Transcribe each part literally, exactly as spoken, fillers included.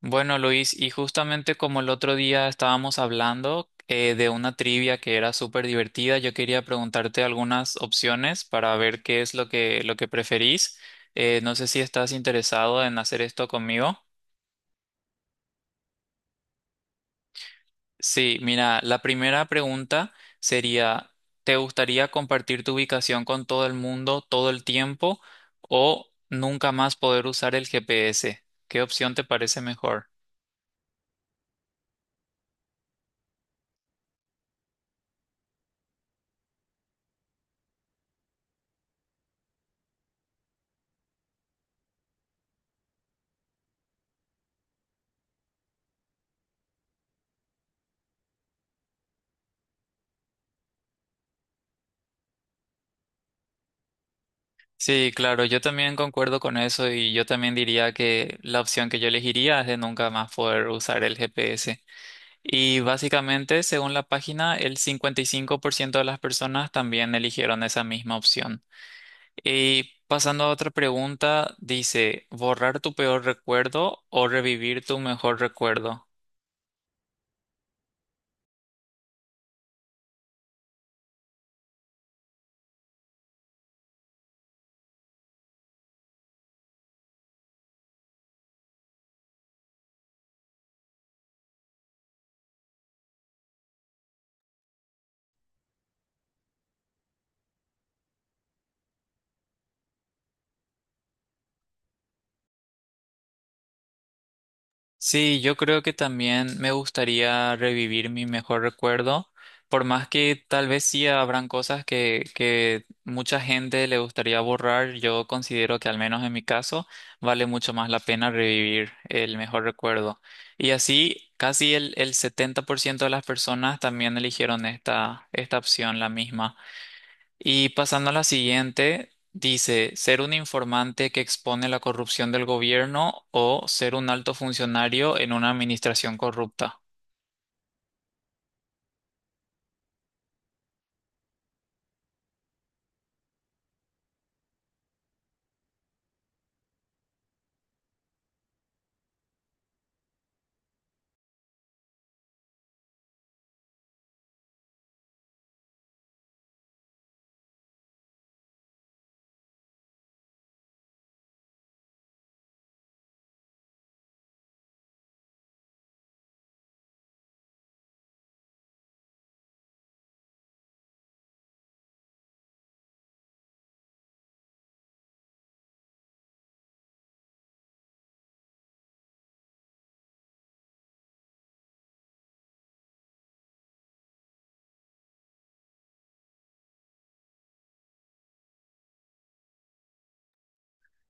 Bueno, Luis, y justamente como el otro día estábamos hablando eh, de una trivia que era súper divertida, yo quería preguntarte algunas opciones para ver qué es lo que, lo que preferís. Eh, no sé si estás interesado en hacer esto conmigo. Sí, mira, la primera pregunta sería, ¿te gustaría compartir tu ubicación con todo el mundo todo el tiempo o nunca más poder usar el G P S? ¿Qué opción te parece mejor? Sí, claro, yo también concuerdo con eso y yo también diría que la opción que yo elegiría es de nunca más poder usar el G P S. Y básicamente, según la página, el cincuenta y cinco por ciento de las personas también eligieron esa misma opción. Y pasando a otra pregunta, dice, ¿borrar tu peor recuerdo o revivir tu mejor recuerdo? Sí, yo creo que también me gustaría revivir mi mejor recuerdo, por más que tal vez sí habrán cosas que, que mucha gente le gustaría borrar. Yo considero que, al menos en mi caso, vale mucho más la pena revivir el mejor recuerdo. Y así casi el, el setenta por ciento de las personas también eligieron esta, esta opción, la misma. Y pasando a la siguiente, dice, ser un informante que expone la corrupción del gobierno o ser un alto funcionario en una administración corrupta.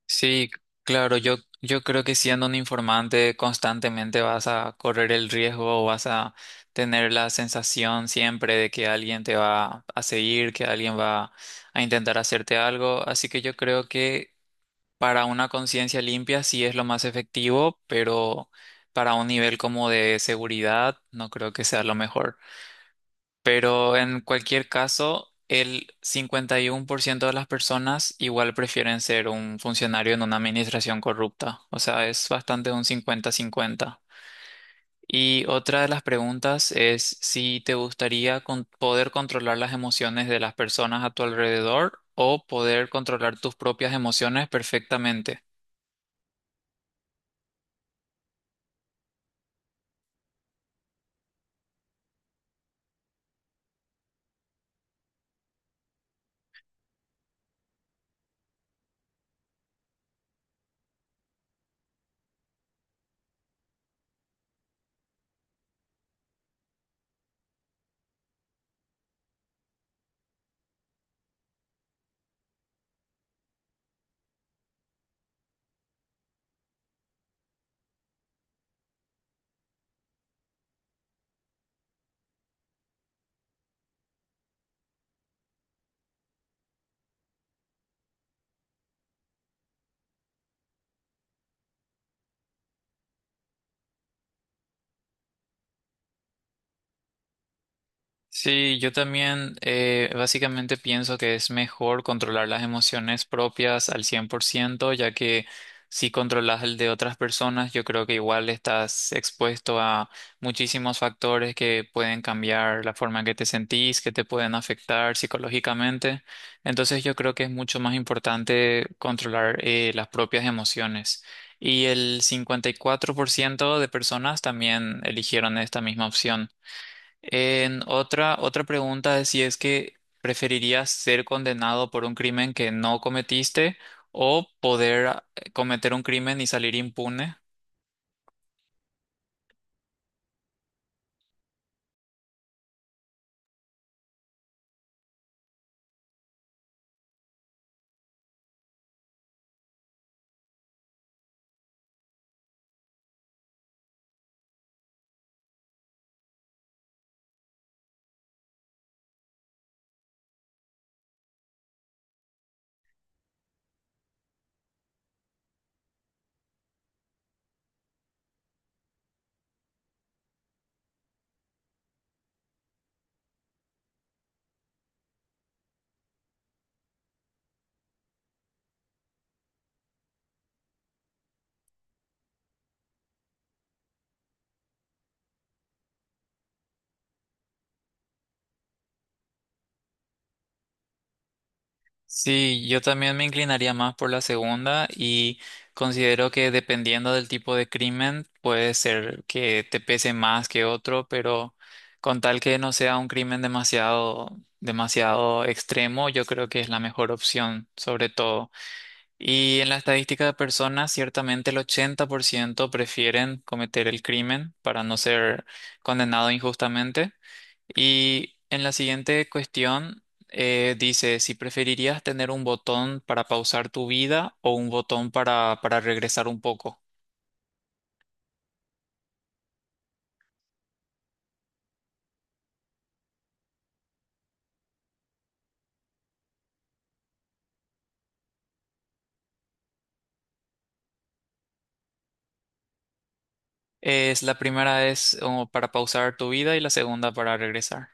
Sí, claro, yo, yo creo que siendo un informante constantemente vas a correr el riesgo o vas a tener la sensación siempre de que alguien te va a seguir, que alguien va a intentar hacerte algo. Así que yo creo que para una conciencia limpia sí es lo más efectivo, pero para un nivel como de seguridad no creo que sea lo mejor. Pero en cualquier caso, el cincuenta y uno por ciento de las personas igual prefieren ser un funcionario en una administración corrupta. O sea, es bastante un cincuenta cincuenta. Y otra de las preguntas es si te gustaría con- poder controlar las emociones de las personas a tu alrededor o poder controlar tus propias emociones perfectamente. Sí, yo también eh, básicamente pienso que es mejor controlar las emociones propias al cien por ciento, ya que si controlas el de otras personas, yo creo que igual estás expuesto a muchísimos factores que pueden cambiar la forma en que te sentís, que te pueden afectar psicológicamente. Entonces yo creo que es mucho más importante controlar eh, las propias emociones. Y el cincuenta y cuatro por ciento de personas también eligieron esta misma opción. En otra, otra pregunta es si es que preferirías ser condenado por un crimen que no cometiste o poder ah, cometer un crimen y salir impune. Sí, yo también me inclinaría más por la segunda y considero que dependiendo del tipo de crimen puede ser que te pese más que otro, pero con tal que no sea un crimen demasiado, demasiado extremo, yo creo que es la mejor opción, sobre todo. Y en la estadística de personas, ciertamente el ochenta por ciento prefieren cometer el crimen para no ser condenado injustamente. Y en la siguiente cuestión eh, dice si preferirías tener un botón para pausar tu vida o un botón para, para regresar un poco. Es, la primera es oh, para pausar tu vida y la segunda para regresar.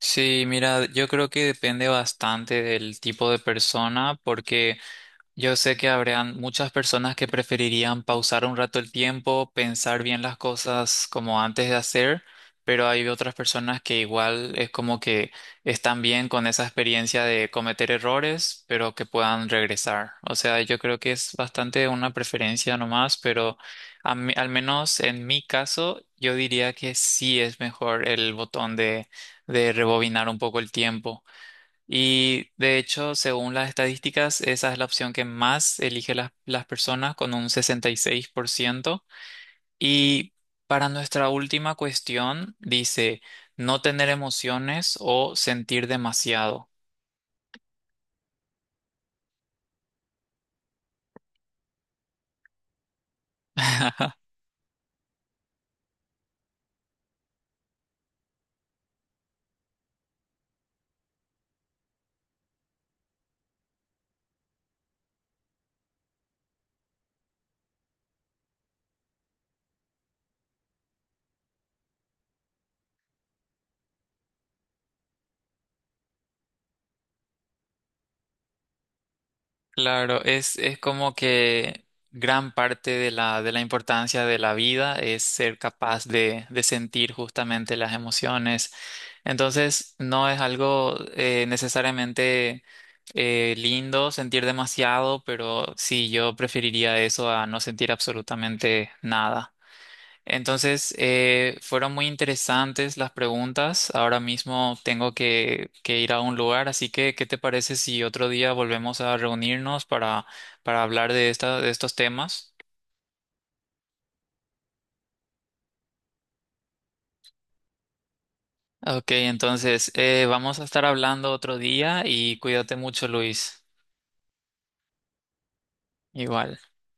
Sí, mira, yo creo que depende bastante del tipo de persona porque yo sé que habrían muchas personas que preferirían pausar un rato el tiempo, pensar bien las cosas como antes de hacer, pero hay otras personas que igual es como que están bien con esa experiencia de cometer errores, pero que puedan regresar. O sea, yo creo que es bastante una preferencia nomás, pero a mí- al menos en mi caso, yo diría que sí es mejor el botón de, de rebobinar un poco el tiempo. Y de hecho, según las estadísticas, esa es la opción que más elige las, las personas con un sesenta y seis por ciento. Y seis por ciento. Y para nuestra última cuestión, dice no tener emociones o sentir demasiado. Claro, es, es como que gran parte de la, de la importancia de la vida es ser capaz de, de sentir justamente las emociones. Entonces, no es algo eh, necesariamente Eh, lindo sentir demasiado, pero sí, yo preferiría eso a no sentir absolutamente nada. Entonces, eh, fueron muy interesantes las preguntas. Ahora mismo tengo que, que ir a un lugar, así que ¿qué te parece si otro día volvemos a reunirnos para, para hablar de esta, de estos temas? Ok, entonces, eh, vamos a estar hablando otro día y cuídate mucho, Luis. Igual.